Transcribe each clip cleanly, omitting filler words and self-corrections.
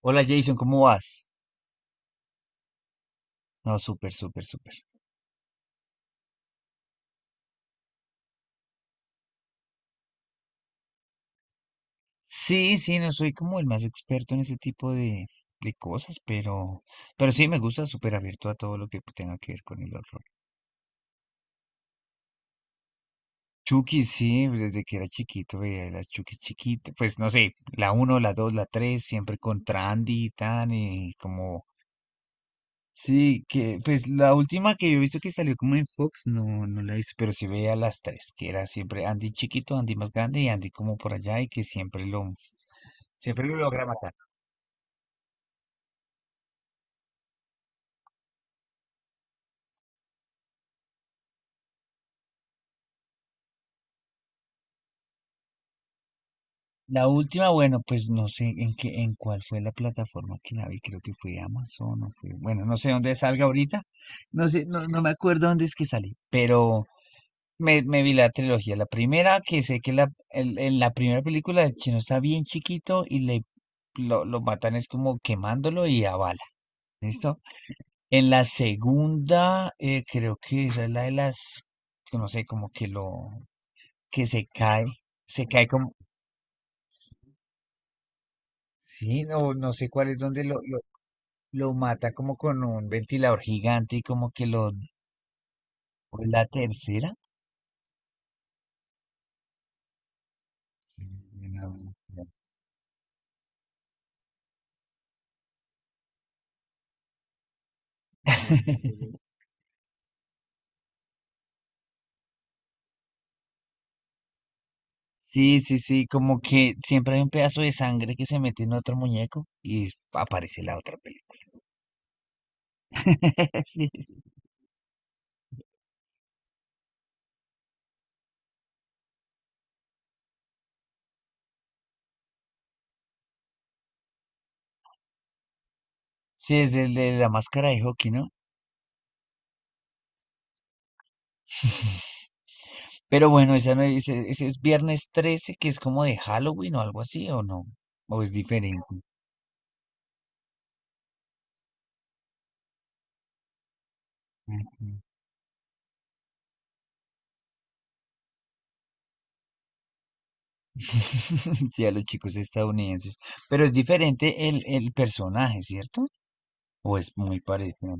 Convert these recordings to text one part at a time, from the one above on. Hola Jason, ¿cómo vas? No, súper, súper, súper. Sí, sí, no soy como el más experto en ese tipo de cosas, pero sí me gusta súper abierto a todo lo que tenga que ver con el horror. Chucky, sí, pues, desde que era chiquito veía las Chucky chiquitas, pues no sé, la uno, la 2, la 3, siempre contra Andy y tan, y como, sí, que, pues la última que yo he visto que salió como en Fox, no, no la he visto, pero sí veía las tres, que era siempre Andy chiquito, Andy más grande y Andy como por allá, y que siempre lo, siempre lo logra matar. La última, bueno, pues no sé en qué, en cuál fue la plataforma que la vi, creo que fue Amazon o fue, bueno, no sé dónde salga ahorita, no sé, no, no me acuerdo dónde es que salí, pero me vi la trilogía, la primera, que sé que en la primera película el chino está bien chiquito y le lo matan es como quemándolo y a bala, ¿listo? En la segunda, creo que esa es la de las, que no sé, como que lo, que se cae como, sí, no, no sé cuál es donde lo mata como con un ventilador gigante y como que lo... ¿o es la tercera? Sí, sí, sí, como que siempre hay un pedazo de sangre que se mete en otro muñeco y aparece la otra película. Sí, sí, es el de la máscara de hockey, ¿no? Pero bueno, esa no, ese es Viernes 13, que es como de Halloween o algo así, ¿o no? ¿O es diferente? Sí, a los chicos estadounidenses. Pero es diferente el personaje, ¿cierto? O es muy parecido.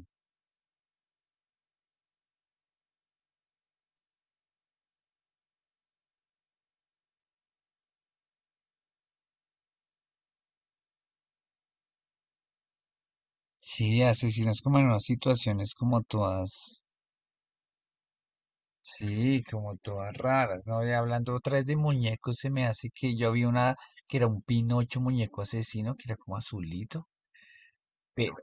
Sí, asesinos como en unas situaciones como todas, sí, como todas raras, ¿no? Y hablando otra vez de muñecos, se me hace que yo vi una que era un Pinocho muñeco asesino, que era como azulito. Pero,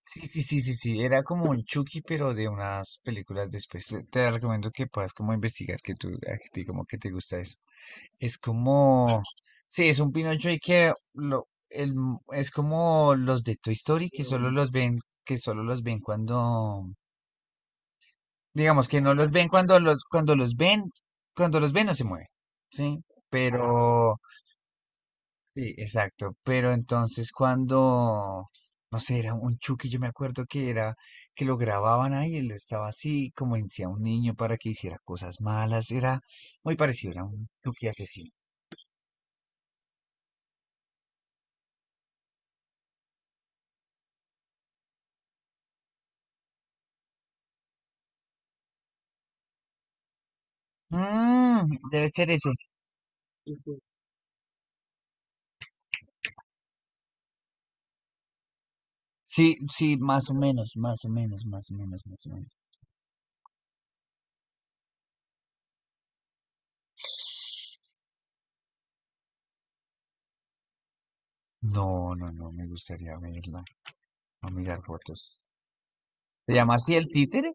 sí, sí, sí, sí, sí, era como un Chucky, pero de unas películas después. Te recomiendo que puedas como investigar, que tú, a ti como que te gusta eso. Es como, sí, es un Pinocho que lo, el, es como los de Toy Story que solo los ven, que solo los ven cuando, digamos que no los ven cuando los ven no se mueve, sí, pero, sí, exacto, pero entonces cuando, no sé, era un Chucky, yo me acuerdo que era, que lo grababan ahí, él estaba así, como decía un niño para que hiciera cosas malas, era muy parecido, era un Chucky asesino. Mm, debe ser ese. Sí, sí, más o menos, más o menos, más o menos, más o menos. No, no, no, me gustaría verla, no mirar fotos. ¿Se llama así el títere?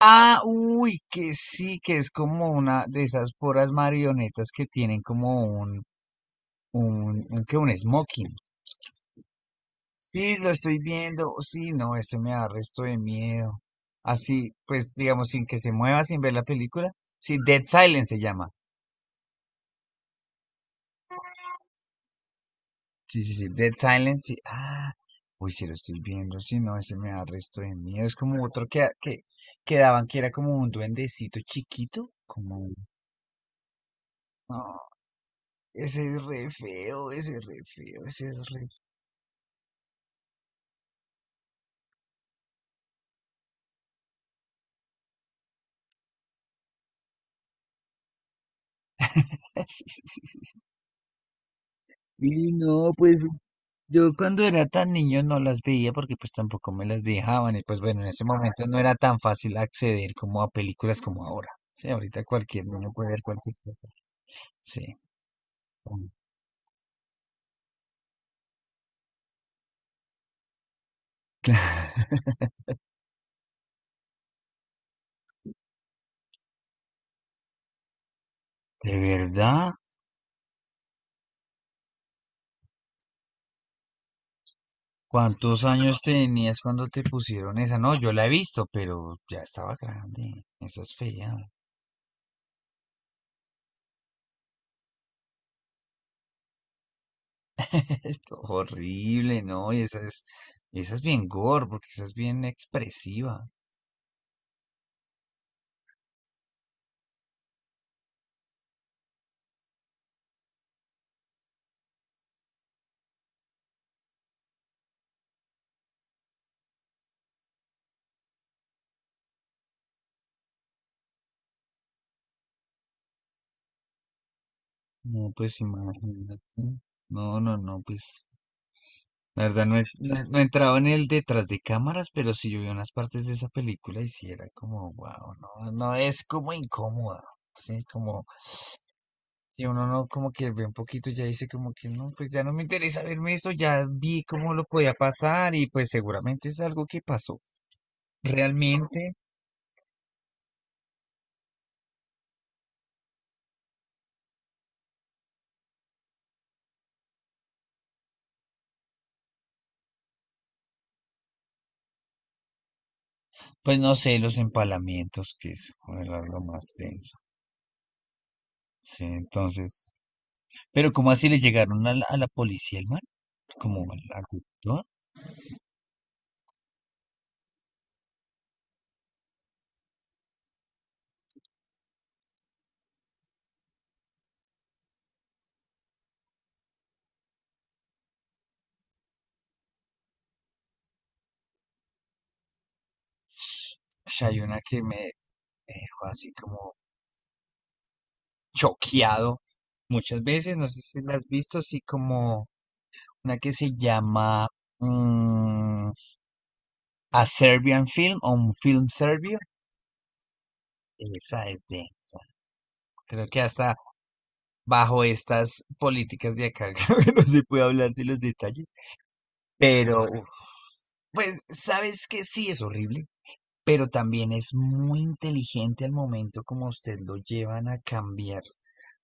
Ah, uy, que sí, que es como una de esas puras marionetas que tienen como un, que un smoking. Sí, lo estoy viendo, sí, no, este me da resto de miedo. Así, pues, digamos, sin que se mueva, sin ver la película. Sí, Dead Silence se llama. Sí, sí, sí. Dead Silence, sí. Ah, uy, si lo estoy viendo, si no, ese me da resto de miedo. Es como otro que, ah, que daban que era como un duendecito chiquito. No, ese es re feo, ese es re feo, ese es re y no, pues yo cuando era tan niño no las veía porque pues tampoco me las dejaban y pues bueno, en ese momento no era tan fácil acceder como a películas como ahora. Sí, ahorita cualquier niño puede ver cualquier cosa. Sí. ¿De verdad? ¿Cuántos años tenías cuando te pusieron esa? No, yo la he visto, pero ya estaba grande. Eso es fea. Horrible, ¿no? Y esa es bien gore, porque esa es bien expresiva. No, pues imagínate. No, no, no, pues. La verdad, no he entrado en el detrás de cámaras, pero sí yo vi unas partes de esa película y sí era como, wow, no, no es como incómoda. Sí, como. Y uno no como que ve un poquito y ya dice como que no, pues ya no me interesa verme esto, ya vi cómo lo podía pasar y pues seguramente es algo que pasó. Realmente, pues no sé, los empalamientos, que es joder, lo más denso. Sí, entonces, pero ¿cómo así le llegaron a la policía el man? Como al conductor. Pues hay una que me dejó así como choqueado muchas veces, no sé si la has visto, así como una que se llama... mm, A Serbian Film o un film serbio, esa es densa. Creo que hasta bajo estas políticas de acá, creo que no se puede hablar de los detalles, pero uf, pues sabes que sí es horrible, pero también es muy inteligente al momento como usted lo llevan a cambiar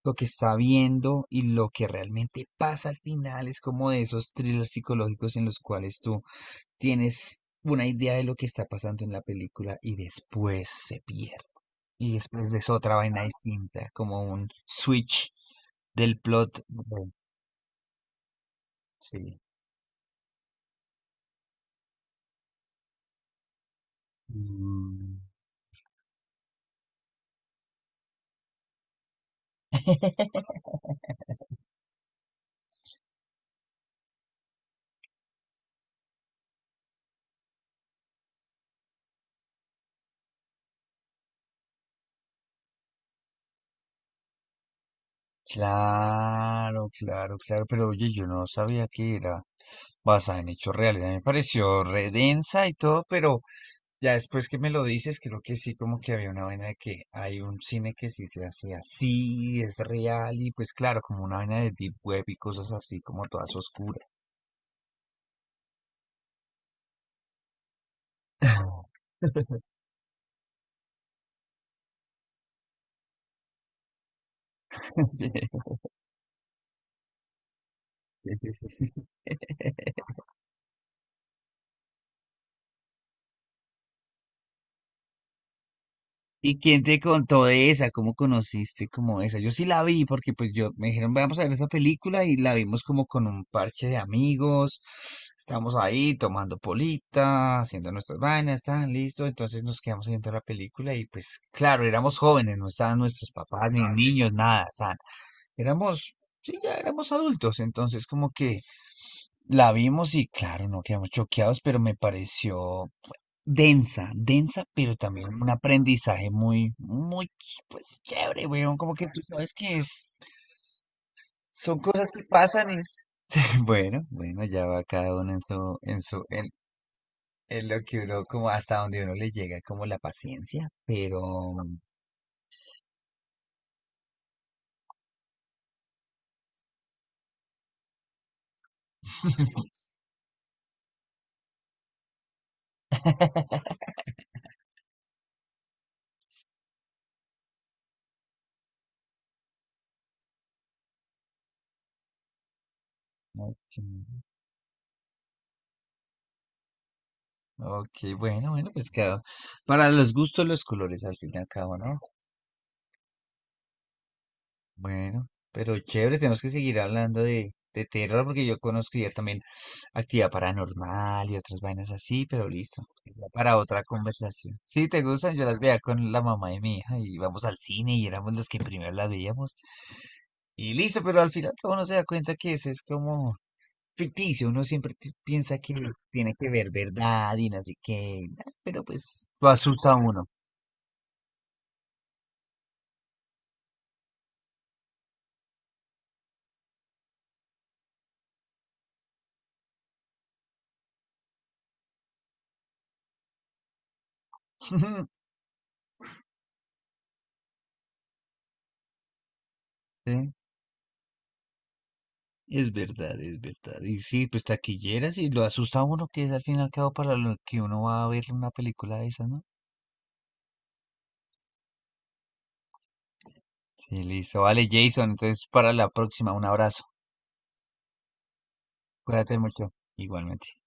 lo que está viendo y lo que realmente pasa al final es como de esos thrillers psicológicos en los cuales tú tienes una idea de lo que está pasando en la película y después se pierde, y después ves otra vaina distinta, como un switch del plot. Bueno, sí. Mm. Claro, claro, claro, pero oye, yo no sabía que era basada en hechos reales. A mí me pareció re densa y todo, pero ya después que me lo dices, creo que sí, como que había una vaina de que hay un cine que sí se hace así, es real, y pues claro, como una vaina de deep web y cosas así, como todas oscuras. Sí, sí, sí. ¿Y quién te contó de esa? ¿Cómo conociste como esa? Yo sí la vi porque pues yo me dijeron, vamos a ver esa película y la vimos como con un parche de amigos. Estábamos ahí tomando polita, haciendo nuestras vainas, estaban listos. Entonces nos quedamos viendo la película y pues claro, éramos jóvenes, no estaban nuestros papás ni niños, nada, éramos, sí, ya éramos adultos. Entonces como que la vimos y claro, no quedamos choqueados, pero me pareció densa, densa, pero también un aprendizaje muy, muy, pues chévere, weón, como que tú sabes que es, son cosas que pasan y bueno, bueno, ya va cada uno en su, en lo que uno, como hasta donde uno le llega, como la paciencia, pero... Ok, ok, bueno, bueno, pues cada, para los gustos los colores al fin y al cabo, ¿no? Bueno, pero chévere, tenemos que seguir hablando de terror porque yo conozco ya también actividad paranormal y otras vainas así, pero listo, ya para otra conversación. Si te gustan, yo las veía con la mamá de mi hija y vamos al cine y éramos los que primero las veíamos. Y listo, pero al final todo uno se da cuenta que eso es como ficticio, uno siempre piensa que tiene que ver verdad y no sé qué, pero pues lo asusta a uno. Es verdad, es verdad. Y sí, pues taquilleras y lo asusta a uno que es al fin y al cabo para lo que uno va a ver una película de esas, ¿no? Sí, listo. Vale, Jason, entonces para la próxima, un abrazo. Cuídate mucho. Igualmente.